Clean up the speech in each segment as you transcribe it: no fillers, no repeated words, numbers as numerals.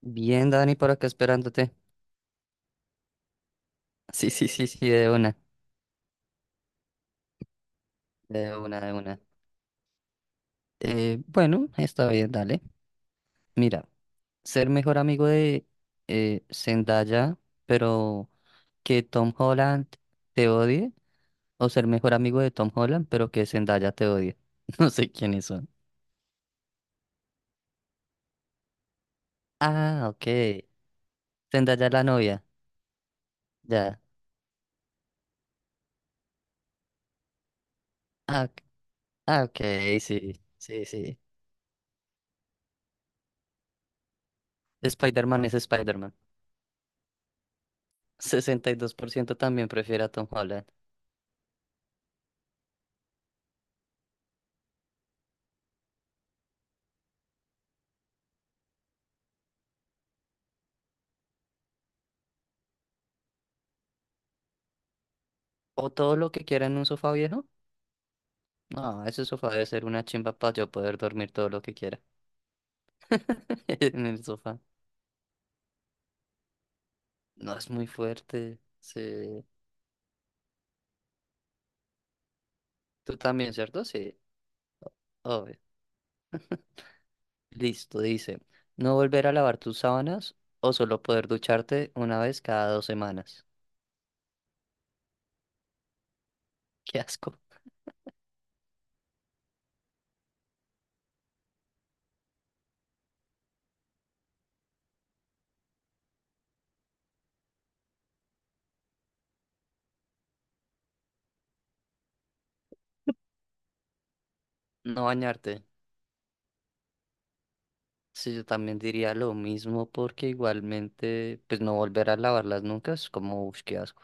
Bien, Dani, por acá esperándote. Sí, sí, sí, sí, de una, de una, de una. Bueno, está bien, dale. Mira, ser mejor amigo de Zendaya, pero que Tom Holland te odie, o ser mejor amigo de Tom Holland, pero que Zendaya te odie. No sé quiénes son. Ah, ok. Zendaya es la novia, ya. Ah, ok, ah, ok, sí, sí, sí. Spider-Man es Spider-Man. 62% también prefiere a Tom Holland. O todo lo que quiera en un sofá viejo. No, ese sofá debe ser una chimba para yo poder dormir todo lo que quiera en el sofá. No es muy fuerte. Sí. Tú también, ¿cierto? Sí. Obvio. Listo, dice. No volver a lavar tus sábanas o solo poder ducharte una vez cada dos semanas. Qué asco. No bañarte. Sí, yo también diría lo mismo porque igualmente, pues no volver a lavarlas nunca es como, uff, qué asco.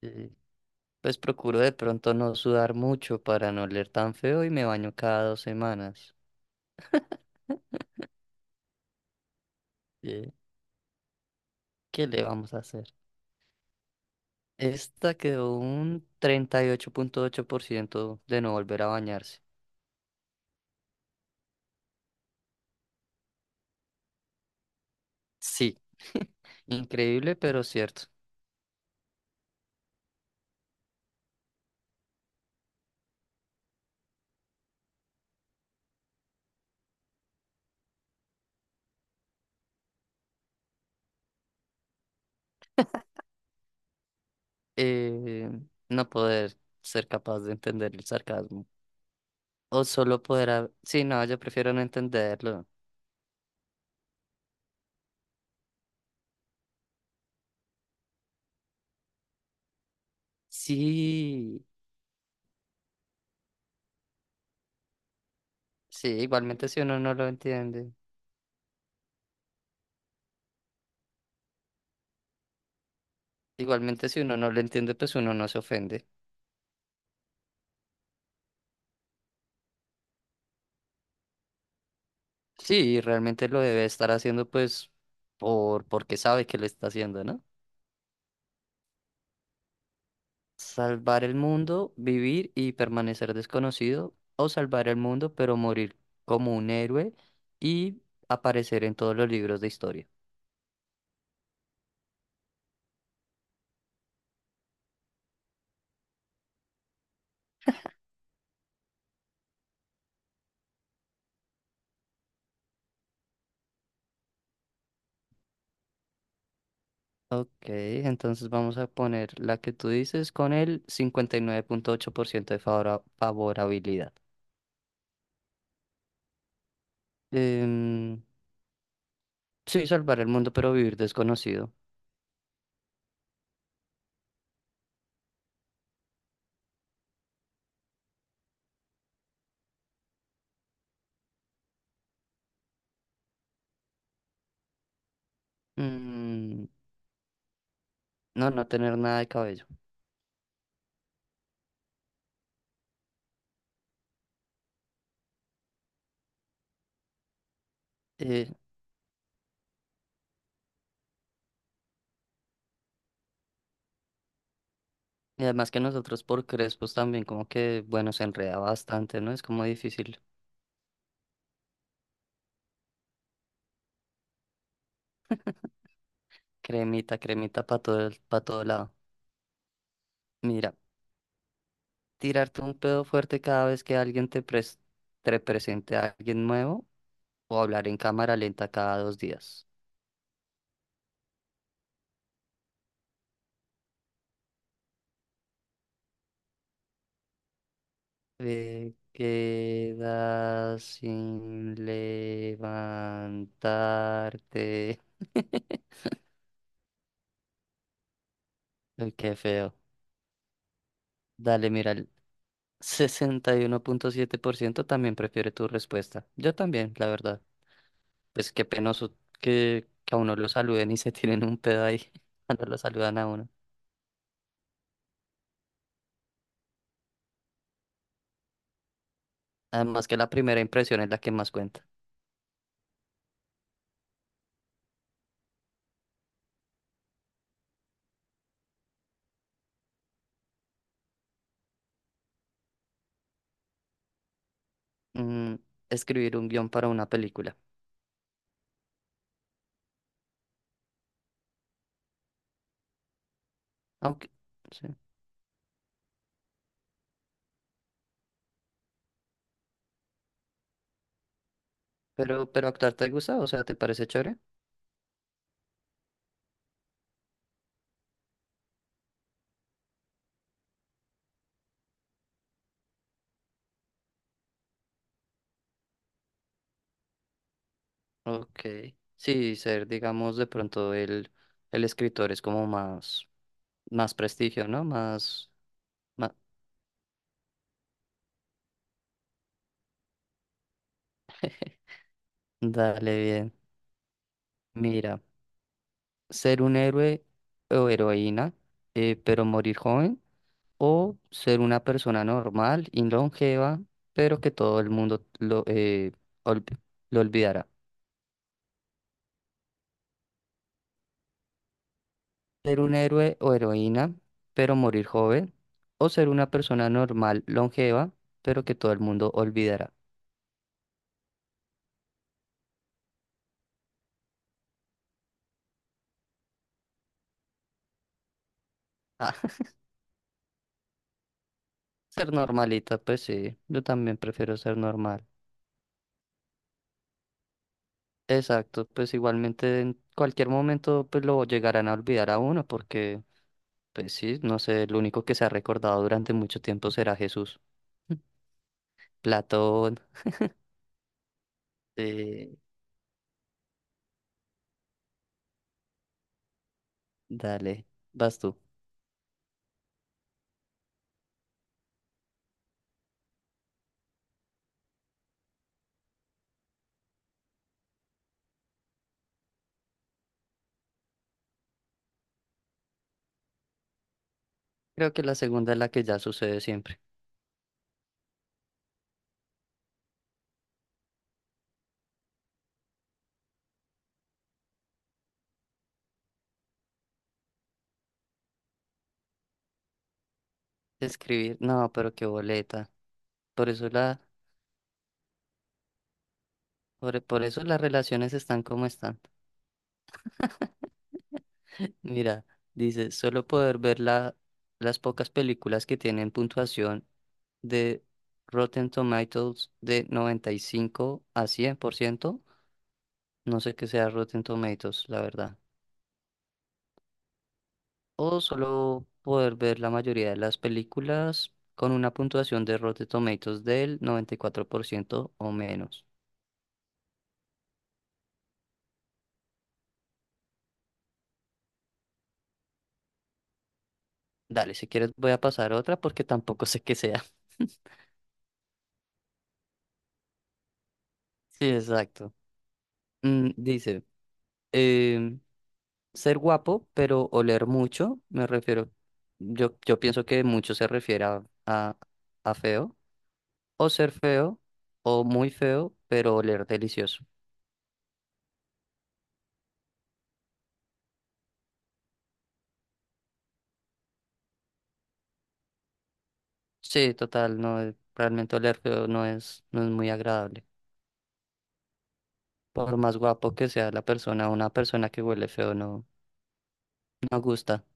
Sí. Pues procuro de pronto no sudar mucho para no oler tan feo y me baño cada dos semanas. Eh, ¿Qué le vamos a hacer? Esta quedó un treinta y ocho 8.8% de no volver a bañarse. Sí, increíble, pero cierto. Eh, no poder ser capaz de entender el sarcasmo. O solo poder. Sí, no, yo prefiero no entenderlo. Sí, sí, igualmente si uno no lo entiende. Igualmente si uno no lo entiende, pues uno no se ofende. Sí, realmente lo debe estar haciendo pues porque sabe que lo está haciendo, ¿no? Salvar el mundo, vivir y permanecer desconocido, o salvar el mundo pero morir como un héroe y aparecer en todos los libros de historia. Ok, entonces vamos a poner la que tú dices con el 59.8% de favorabilidad. Em, sí, salvar el mundo pero vivir desconocido. Mm, no, no tener nada de cabello. Eh, Y además que nosotros por crespos también como que, bueno, se enreda bastante, ¿no? Es como difícil. Cremita, cremita para todo lado. Mira, tirarte un pedo fuerte cada vez que alguien te presente a alguien nuevo o hablar en cámara lenta cada dos días. Te quedas sin levantarte. Uy, qué feo. Dale, mira, el 61.7% también prefiere tu respuesta. Yo también, la verdad. Pues qué penoso que a uno lo saluden y se tiren un pedo ahí cuando lo saludan a uno. Además que la primera impresión es la que más cuenta. Mm, escribir un guión para una película. Aunque, sí. Pero actuar te gusta, o sea, ¿te parece chévere? Ok. Sí, ser, digamos, de pronto el escritor es como más, prestigio, ¿no? Más... Dale bien. Mira, ser un héroe o heroína, pero morir joven. O ser una persona normal y longeva, pero que todo el mundo olvi- lo olvidará. Ser un héroe o heroína, pero morir joven, o ser una persona normal, longeva, pero que todo el mundo olvidará. Ah, ser normalita, pues sí, yo también prefiero ser normal. Exacto, pues igualmente en cualquier momento pues lo llegarán a olvidar a uno porque, pues sí, no sé, el único que se ha recordado durante mucho tiempo será Jesús, Platón. eh, Dale, vas tú. Creo que la segunda es la que ya sucede siempre. Escribir, no, pero qué boleta. Por eso la, por eso las relaciones están como están. Mira, dice, solo poder ver las pocas películas que tienen puntuación de Rotten Tomatoes de 95 a 100%. No sé qué sea Rotten Tomatoes, la verdad. O solo poder ver la mayoría de las películas con una puntuación de Rotten Tomatoes del 94% o menos. Dale, si quieres voy a pasar a otra porque tampoco sé qué sea. Sí, exacto. Dice, em, ser guapo, pero oler mucho, me refiero, yo pienso que mucho se refiere a feo, o ser feo, o muy feo, pero oler delicioso. Sí, total, no, realmente oler feo no es no es muy agradable. Por más guapo que sea la persona, una persona que huele feo no gusta.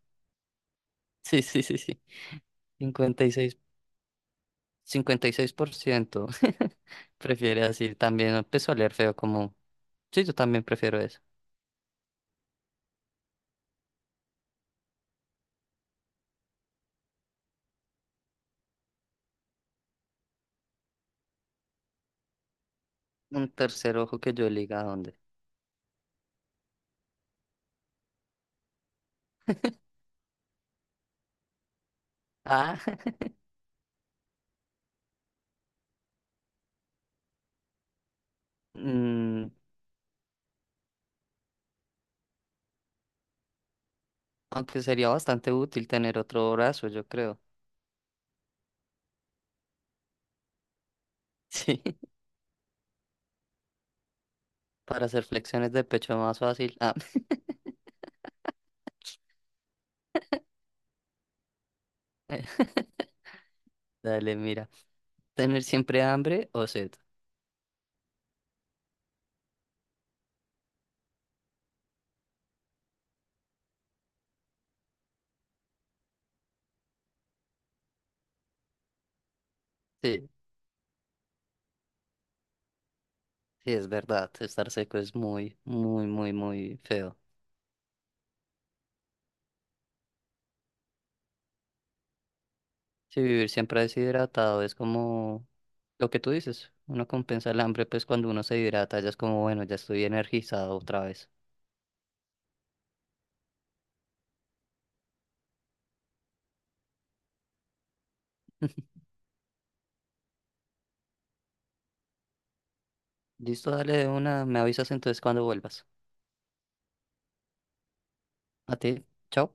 Sí, sí, sí, sí. 56, 56% prefiere así. También empezó a oler feo como... Sí, yo también prefiero eso. Un tercer ojo que yo liga a dónde. Ah, mm, aunque sería bastante útil tener otro brazo, yo creo. Sí, para hacer flexiones de pecho más fácil. Ah, dale, mira. ¿Tener siempre hambre o sed? Sí. Sí, es verdad, estar seco es muy, muy, muy, muy feo. Sí, vivir siempre deshidratado es como lo que tú dices, uno compensa el hambre, pues cuando uno se hidrata ya es como, bueno, ya estoy energizado otra vez. Listo, dale de una, me avisas entonces cuando vuelvas. A ti, chao.